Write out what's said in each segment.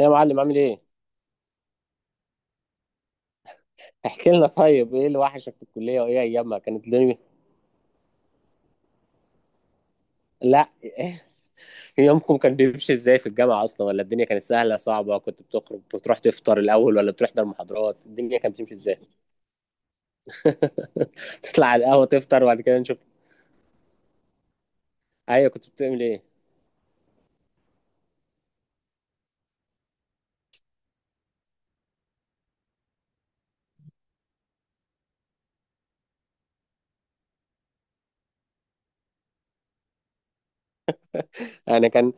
إيه يا معلم، عامل ايه؟ احكي لنا طيب، ايه اللي وحشك في الكلية وايه ايامها كانت الدنيا؟ لا. يومكم كان بيمشي ازاي في الجامعة اصلا؟ ولا الدنيا كانت سهلة صعبة؟ كنت بتخرج بتروح تفطر الاول ولا بتحضر محاضرات؟ الدنيا كانت بتمشي ازاي؟ تطلع على القهوة تفطر وبعد كده نشوف. ايوه، كنت بتعمل ايه؟ انا كان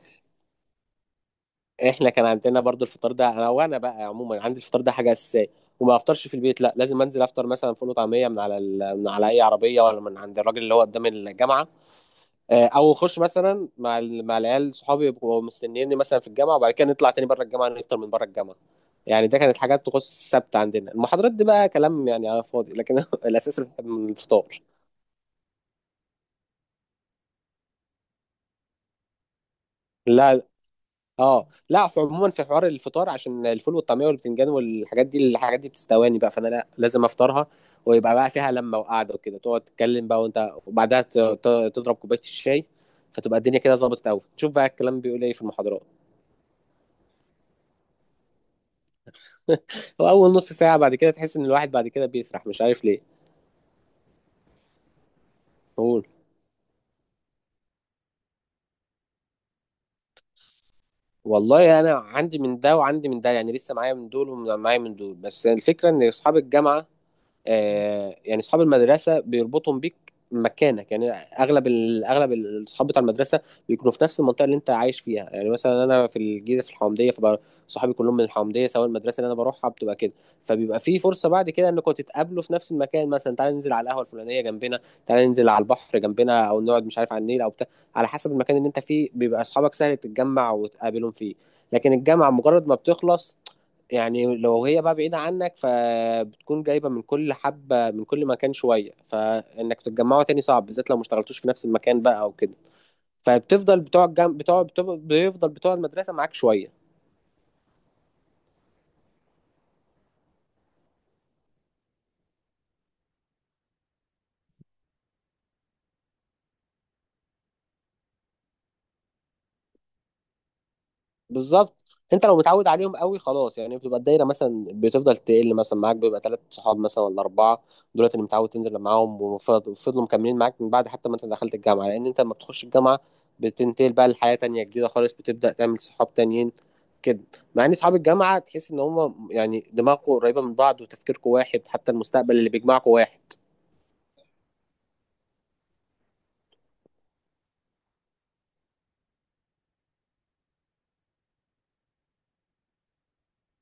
احنا كان عندنا برضو الفطار ده. انا بقى عموما عندي الفطار ده حاجه اساسيه، وما افطرش في البيت، لا، لازم انزل افطر مثلا فول وطعميه من على اي عربيه، ولا من عند الراجل اللي هو قدام الجامعه. آه، او اخش مثلا مع العيال صحابي، يبقوا مستنيني مثلا في الجامعه، وبعد كده نطلع تاني بره الجامعه نفطر من بره الجامعه. يعني ده كانت حاجات تخص السبت عندنا. المحاضرات دي بقى كلام يعني على فاضي، لكن الاساس الفطار. لا، اه، لا، في عموما في حوار الفطار عشان الفول والطعميه والبتنجان والحاجات دي، الحاجات دي بتستواني بقى، فانا لا، لازم افطرها. ويبقى بقى فيها لمه وقعده وكده، تقعد تتكلم بقى وانت، وبعدها تضرب كوبايه الشاي. فتبقى الدنيا كده ظبطت قوي، تشوف بقى الكلام بيقول ايه في المحاضرات. واول نص ساعه بعد كده تحس ان الواحد بعد كده بيسرح، مش عارف ليه. قول. والله انا عندي من ده وعندي من ده، يعني لسه معايا من دول ومعايا من دول، بس الفكره ان اصحاب الجامعه، يعني اصحاب المدرسه بيربطهم بيك مكانك، يعني اغلب اغلب الاصحاب بتاع المدرسه بيكونوا في نفس المنطقه اللي انت عايش فيها. يعني مثلا انا في الجيزه في الحومديه، فبقى صحابي كلهم من الحومديه، سواء المدرسه اللي انا بروحها بتبقى كده. فبيبقى في فرصه بعد كده انكم تتقابلوا في نفس المكان، مثلا تعالى ننزل على القهوه الفلانيه جنبنا، تعالى ننزل على البحر جنبنا، او نقعد مش عارف على النيل او بتاع، على حسب المكان اللي انت فيه بيبقى اصحابك سهل تتجمع وتقابلهم فيه. لكن الجامعه مجرد ما بتخلص، يعني لو هي بقى بعيدة عنك، فبتكون جايبة من كل حبة من كل مكان شوية، فإنك تتجمعوا تاني صعب، بالذات لو ما اشتغلتوش في نفس المكان بقى أو كده. فبتفضل بتوع الجم... بتوع بتوع بيفضل بتوع المدرسة معاك شوية. بالظبط. انت لو متعود عليهم قوي خلاص، يعني بتبقى الدايره مثلا بتفضل تقل، مثلا معاك بيبقى ثلاث صحاب مثلا ولا اربعه، دولت اللي متعود تنزل معاهم وفضلوا مكملين معاك من بعد، حتى ما انت دخلت الجامعه، لان انت لما بتخش الجامعه بتنتقل بقى لحياه تانية جديده خالص، بتبدا تعمل صحاب تانيين كده. مع ان صحاب الجامعه تحس ان هم يعني دماغكم قريبه من بعض، وتفكيركم واحد، حتى المستقبل اللي بيجمعكم واحد.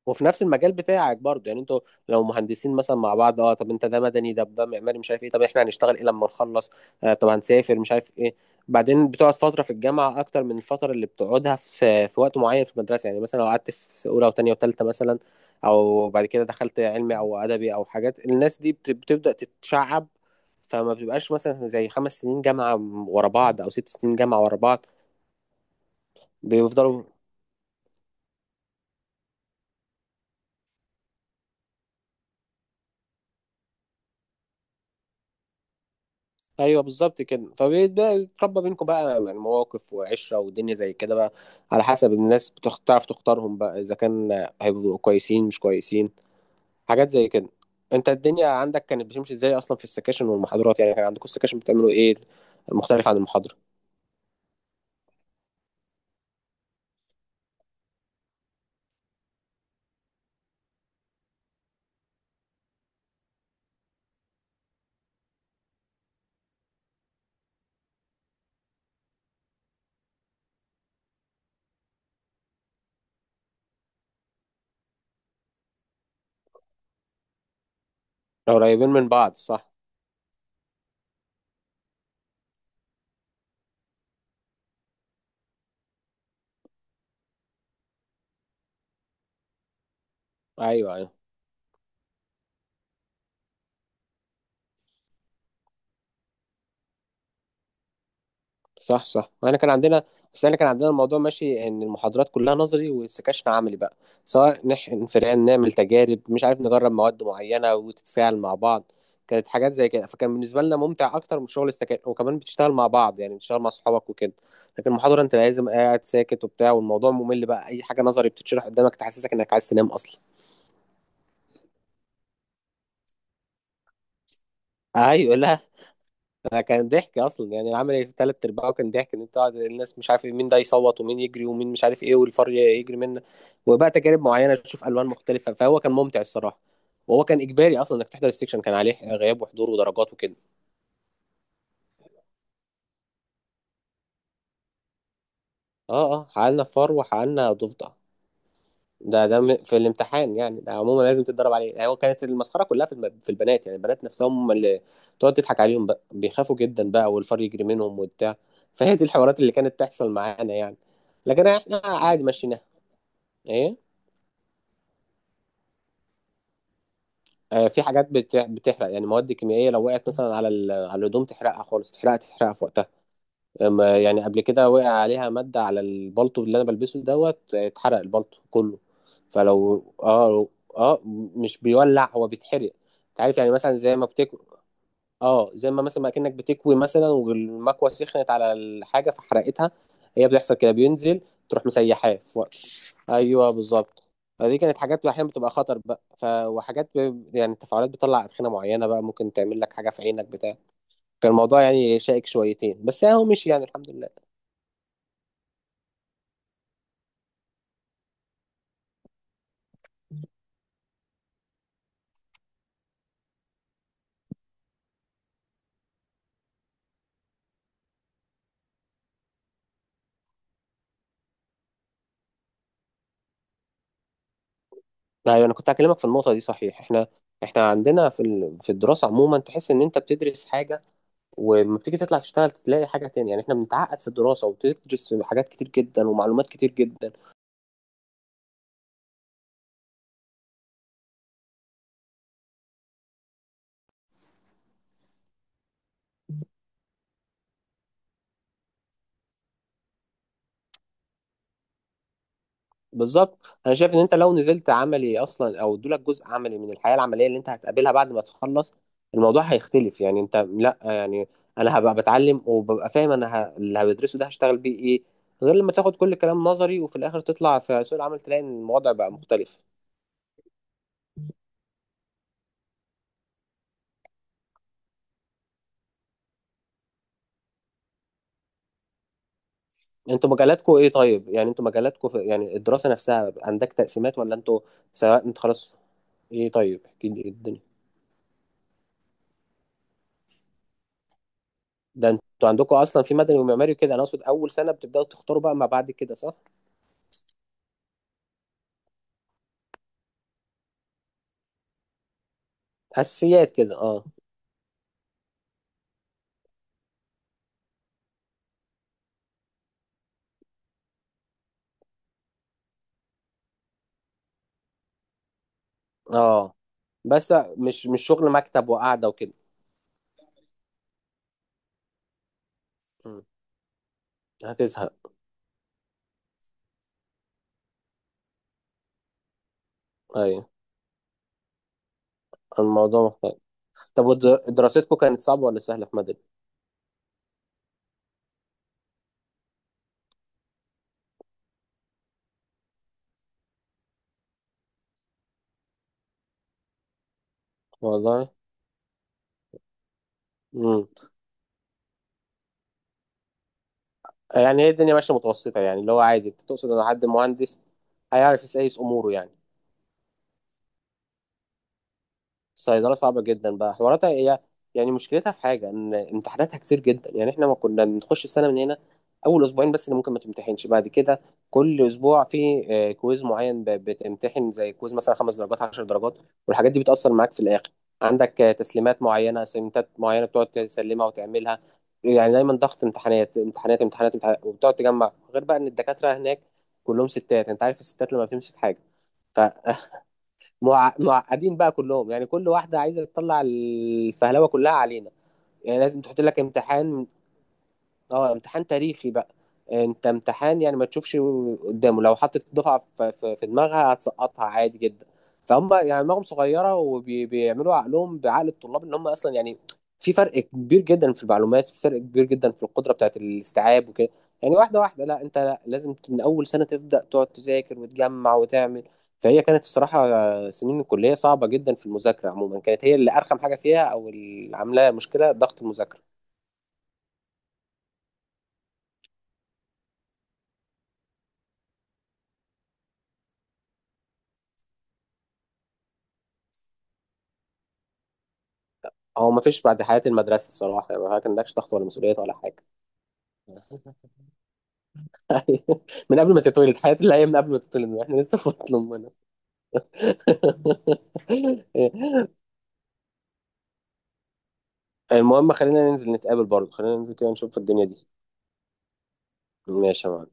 وفي نفس المجال بتاعك برضه، يعني انتوا لو مهندسين مثلا مع بعض، اه طب انت ده مدني، ده معماري، مش عارف ايه، طب احنا هنشتغل ايه لما نخلص، آه طب هنسافر، مش عارف ايه. بعدين بتقعد فتره في الجامعه اكتر من الفتره اللي بتقعدها في وقت معين في المدرسه. يعني مثلا لو قعدت في اولى وثانيه وثالثه مثلا، او بعد كده دخلت علمي او ادبي او حاجات، الناس دي بتبدا تتشعب. فما بتبقاش مثلا زي 5 سنين جامعه ورا بعض او 6 سنين جامعه ورا بعض. بيفضلوا. ايوه، بالظبط كده، فبيبدا يتربى بينكم بقى يعني مواقف وعشره ودنيا زي كده بقى، على حسب الناس. بتعرف تعرف تختارهم بقى اذا كان هيبقوا كويسين مش كويسين، حاجات زي كده. انت الدنيا عندك كانت بتمشي ازاي اصلا في السكاشن والمحاضرات؟ يعني كان عندكم السكاشن بتعملوا ايه، مختلف عن المحاضره؟ قريبين من بعض، صح. ايوه، ايوه. صح صح، احنا كان عندنا بس احنا كان عندنا الموضوع ماشي، ان المحاضرات كلها نظري والسكاشن عملي بقى، سواء نحقن فئران، نعمل تجارب، مش عارف نجرب مواد معينه وتتفاعل مع بعض. كانت حاجات زي كده، فكان بالنسبه لنا ممتع اكتر من شغل السكاشن، وكمان بتشتغل مع بعض يعني، بتشتغل مع اصحابك وكده. لكن المحاضره انت لازم قاعد ساكت وبتاع، والموضوع ممل بقى، اي حاجه نظري بتتشرح قدامك تحسسك انك عايز تنام اصلا. ايوه، لا. انا كان ضحك اصلا، يعني العمل في تلات ارباعه كان ضحك، ان انت قاعد الناس مش عارف إيه، مين ده يصوت ومين يجري ومين مش عارف ايه، والفار يجري منه، وبقى تجارب معينه تشوف الوان مختلفه، فهو كان ممتع الصراحه. وهو كان اجباري اصلا انك تحضر السكشن، كان عليه غياب وحضور ودرجات وكده. اه اه، حققنا فار وحققنا ضفدع. ده في الامتحان يعني، ده عموما لازم تتدرب عليه. يعني هو كانت المسخره كلها في في البنات، يعني البنات نفسهم هم اللي تقعد تضحك عليهم بقى، بيخافوا جدا بقى والفار يجري منهم وبتاع. فهي دي الحوارات اللي كانت تحصل معانا يعني، لكن احنا عادي مشيناها. ايه؟ آه، في حاجات بتحرق، يعني مواد كيميائيه لو وقعت مثلا على على الهدوم تحرقها خالص، تحرقها في وقتها. يعني قبل كده وقع عليها مادة على البلطو اللي انا بلبسه دوت، اتحرق البلطو كله. فلو، اه، اه مش بيولع هو، بيتحرق. انت عارف يعني مثلا زي ما بتكوي، اه زي ما مثلا ما كأنك بتكوي مثلا، والمكوة سخنت على الحاجة فحرقتها. هي بتحصل كده، بينزل تروح مسيحاه في وقت. ايوه، بالظبط. فدي كانت حاجات احيانا بتبقى خطر بقى وحاجات يعني التفاعلات بتطلع ادخنه معينه بقى، ممكن تعمل لك حاجه في عينك بتاع. كان الموضوع يعني شائك شويتين بس اهو مشي يعني، الحمد لله. ايوه، انا كنت هكلمك في النقطه دي صحيح. احنا عندنا في الدراسه عموما تحس ان انت بتدرس حاجه، ولما بتيجي تطلع تشتغل تلاقي حاجه تانية. يعني احنا بنتعقد في الدراسه، وبتدرس حاجات كتير جدا ومعلومات كتير جدا. بالظبط، انا شايف ان انت لو نزلت عملي اصلا، او ادولك جزء عملي من الحياه العمليه اللي انت هتقابلها بعد ما تخلص، الموضوع هيختلف. يعني انت لا يعني، انا هبقى بتعلم وببقى فاهم انا اللي هدرسه ده هشتغل بيه ايه، غير لما تاخد كل الكلام نظري وفي الاخر تطلع في سوق العمل تلاقي ان الوضع بقى مختلف. انتوا مجالاتكم ايه طيب؟ يعني انتوا مجالاتكم يعني الدراسة نفسها عندك تقسيمات ولا انتوا سواء، انت خلاص؟ ايه طيب، احكي لي ايه الدنيا. ده انتوا عندكم اصلا في مدني ومعماري وكده، انا اقصد اول سنة بتبداوا تختاروا بقى ما بعد كده، صح؟ اساسيات كده، اه. اه، بس مش شغل مكتب وقعدة وكده. مم. هتزهق. ايوه، الموضوع مختلف. طب دراستكم كانت صعبة ولا سهلة في مدني؟ والله. امم يعني هي الدنيا ماشية متوسطة، يعني اللي هو عادي، انت تقصد ان حد مهندس هيعرف يسيس اموره يعني. صيدلة صعبة جدا بقى حواراتها هي، يعني مشكلتها في حاجة ان امتحاناتها كتير جدا. يعني احنا ما كنا بنخش السنة من هنا اول اسبوعين بس اللي ممكن ما تمتحنش، بعد كده كل اسبوع في، كويز معين، بتمتحن زي كويز مثلا 5 درجات، 10 درجات، والحاجات دي بتأثر معاك في الاخر. عندك تسليمات معينة، اسايمنتات معينة بتقعد تسلمها وتعملها. يعني دايما ضغط، امتحانات امتحانات امتحانات امتحانات، وبتقعد تجمع. غير بقى ان الدكاترة هناك كلهم ستات، انت عارف الستات لما بتمسك حاجة، معقدين بقى كلهم، يعني كل واحده عايزه تطلع الفهلوه كلها علينا. يعني لازم تحط لك امتحان، اه امتحان تاريخي بقى، انت امتحان يعني ما تشوفش قدامه، لو حطت دفعه في دماغها هتسقطها عادي جدا. فهم يعني دماغهم صغيره، وبيعملوا عقلهم بعقل الطلاب، ان هم اصلا يعني في فرق كبير جدا في المعلومات، في فرق كبير جدا في القدره بتاعت الاستيعاب وكده. يعني واحده واحده، لا انت لا، لازم من اول سنه تبدا تقعد تذاكر وتجمع وتعمل. فهي كانت الصراحه سنين الكليه صعبه جدا في المذاكره عموما، كانت هي اللي ارخم حاجه فيها، او اللي عاملاها مشكله ضغط المذاكره. هو ما فيش بعد حياة المدرسة الصراحة، يعني ما عندكش ضغط ولا مسؤوليات ولا حاجة. من قبل ما تتولد حياة اللي هي، من قبل ما تتولد احنا لسه في بطن أمنا. المهم خلينا ننزل نتقابل برضه، خلينا ننزل كده نشوف الدنيا دي. ماشي يا معلم.